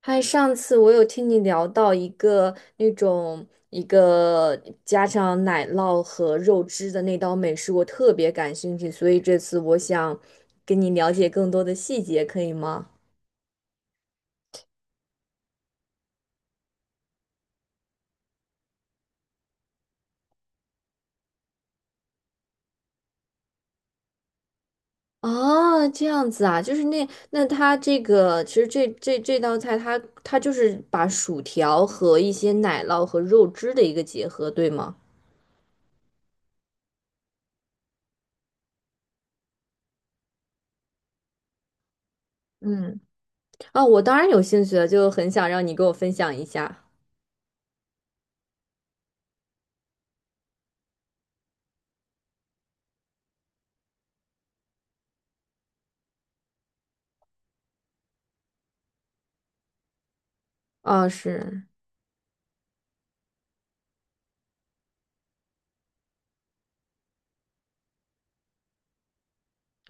嗨，上次我有听你聊到一个加上奶酪和肉汁的那道美食，我特别感兴趣，所以这次我想跟你了解更多的细节，可以吗？哦，这样子啊，就是那它这个其实这道菜它就是把薯条和一些奶酪和肉汁的一个结合，对吗？嗯，啊，我当然有兴趣了，就很想让你给我分享一下。啊，是，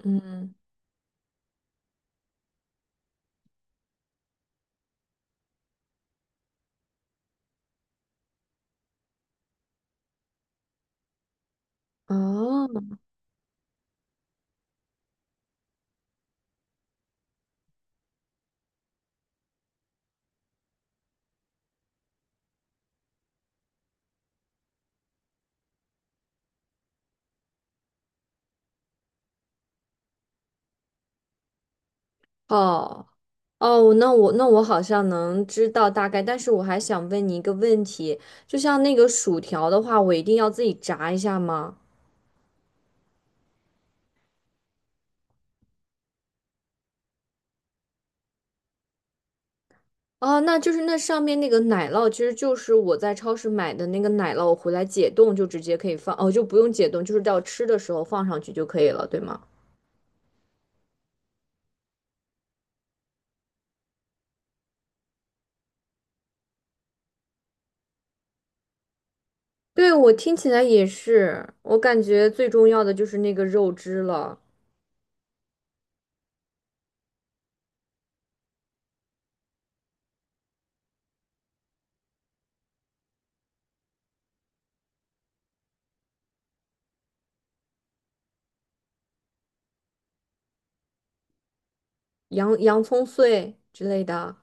嗯，哦。哦哦，那我好像能知道大概，但是我还想问你一个问题，就像那个薯条的话，我一定要自己炸一下吗？哦，那就是那上面那个奶酪，其实就是我在超市买的那个奶酪，我回来解冻就直接可以放，哦，就不用解冻，就是到吃的时候放上去就可以了，对吗？对，我听起来也是，我感觉最重要的就是那个肉汁了。洋葱碎之类的。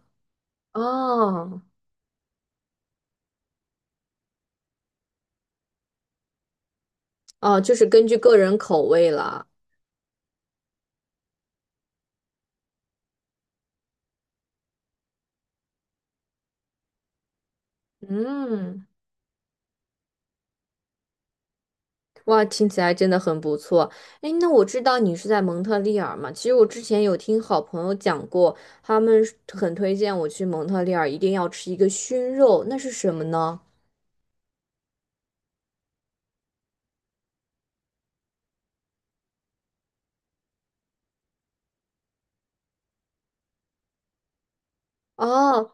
哦哦，就是根据个人口味了。嗯，哇，听起来真的很不错。哎，那我知道你是在蒙特利尔嘛？其实我之前有听好朋友讲过，他们是很推荐我去蒙特利尔，一定要吃一个熏肉，那是什么呢？哦，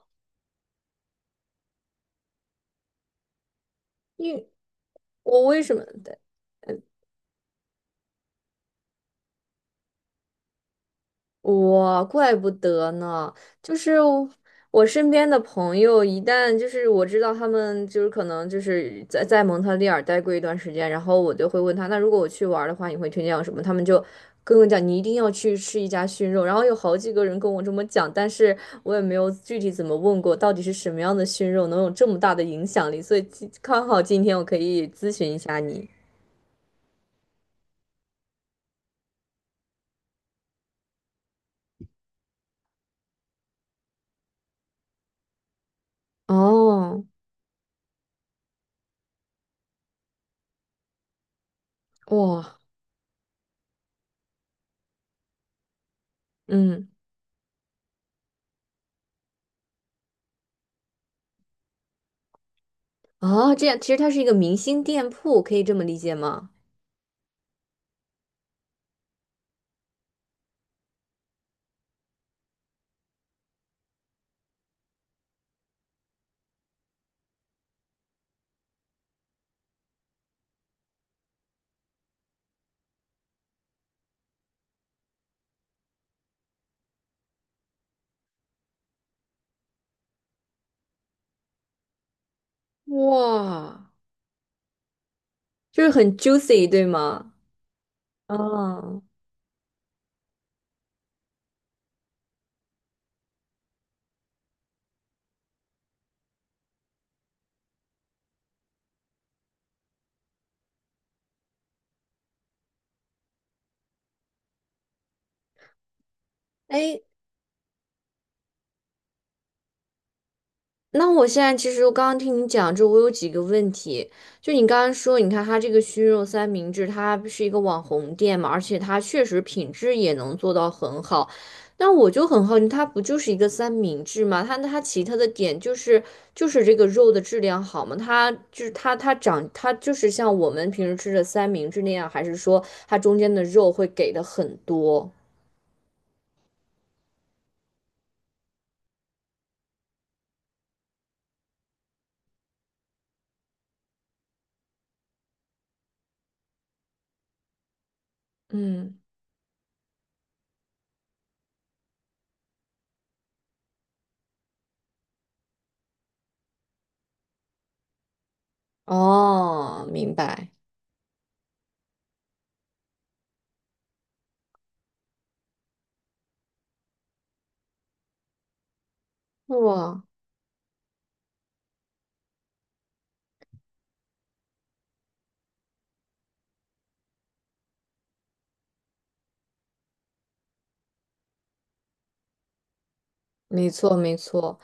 因为我为什么？哇，怪不得呢！就是我身边的朋友，一旦就是我知道他们就是可能就是在蒙特利尔待过一段时间，然后我就会问他，那如果我去玩儿的话，你会推荐我什么？他们就跟我讲，你一定要去吃一家熏肉。然后有好几个人跟我这么讲，但是我也没有具体怎么问过，到底是什么样的熏肉能有这么大的影响力？所以今刚好今天我可以咨询一下你。哦，哇，嗯。哦，这样其实它是一个明星店铺，可以这么理解吗？哇，就是很 juicy,对吗？哦，哎，那我现在其实我刚刚听你讲就我有几个问题。就你刚刚说，你看它这个熏肉三明治，它是一个网红店嘛，而且它确实品质也能做到很好。那我就很好奇，它不就是一个三明治吗？它它其他的点就是就是这个肉的质量好吗？它就是它长它就是像我们平时吃的三明治那样，还是说它中间的肉会给的很多？嗯，哦，明白。哇，没错没错。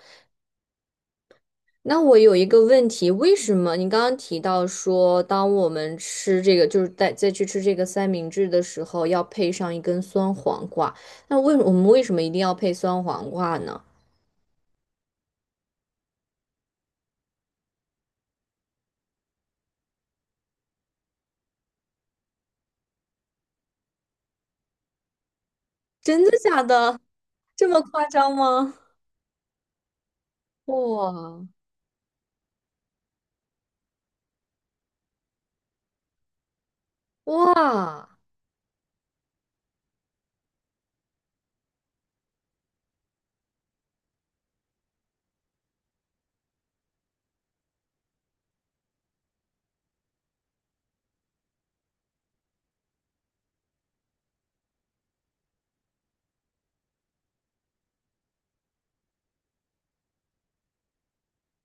那我有一个问题，为什么你刚刚提到说，当我们吃这个，就是在再去吃这个三明治的时候，要配上一根酸黄瓜？那为我们为什么一定要配酸黄瓜呢？真的假的？这么夸张吗？哇哇，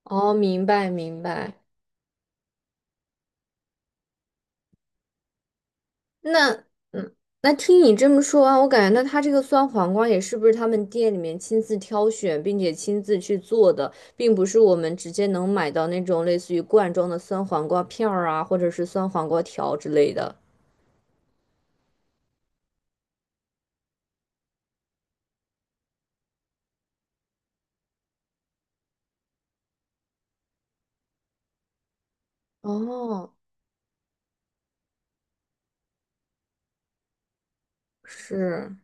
哦，明白明白。那嗯，那听你这么说啊，我感觉那他这个酸黄瓜也是不是他们店里面亲自挑选，并且亲自去做的，并不是我们直接能买到那种类似于罐装的酸黄瓜片儿啊，或者是酸黄瓜条之类的。哦，是。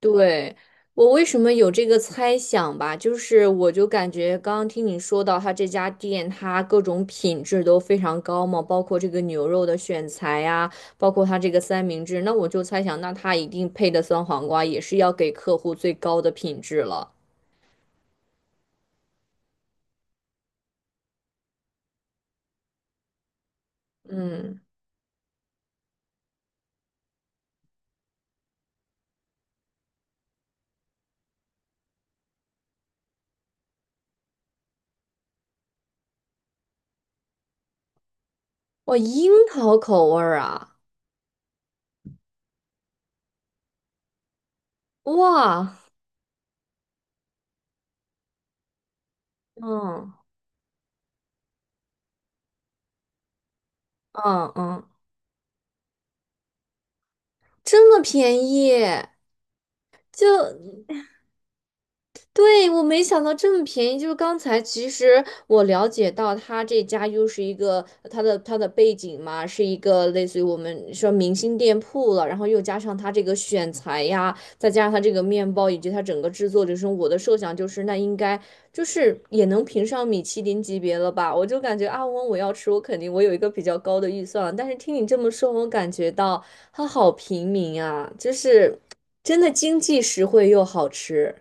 对，我为什么有这个猜想吧？就是我就感觉刚刚听你说到他这家店，它各种品质都非常高嘛，包括这个牛肉的选材呀，包括它这个三明治，那我就猜想，那它一定配的酸黄瓜也是要给客户最高的品质了。哇，樱桃口味儿啊！哇，嗯嗯嗯，这么便宜，就对，我没想到这么便宜。就是刚才其实我了解到，他这家又是一个他的背景嘛，是一个类似于我们说明星店铺了，然后又加上他这个选材呀，再加上他这个面包以及他整个制作流程，我的设想就是那应该就是也能评上米其林级别了吧？我就感觉啊，我要吃，我肯定我有一个比较高的预算了。但是听你这么说，我感觉到它好平民啊，就是真的经济实惠又好吃。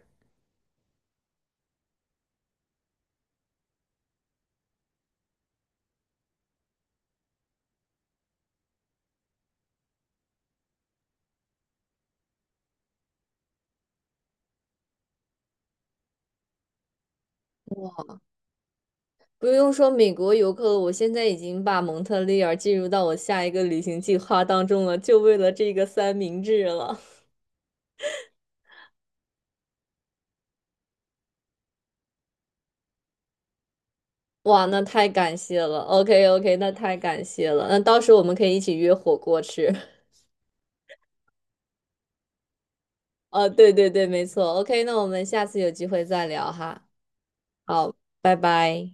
不用说美国游客了，我现在已经把蒙特利尔进入到我下一个旅行计划当中了，就为了这个三明治了。哇，那太感谢了。OK OK,那太感谢了。那到时候我们可以一起约火锅吃。哦，对对对，没错。OK,那我们下次有机会再聊哈。好，拜拜。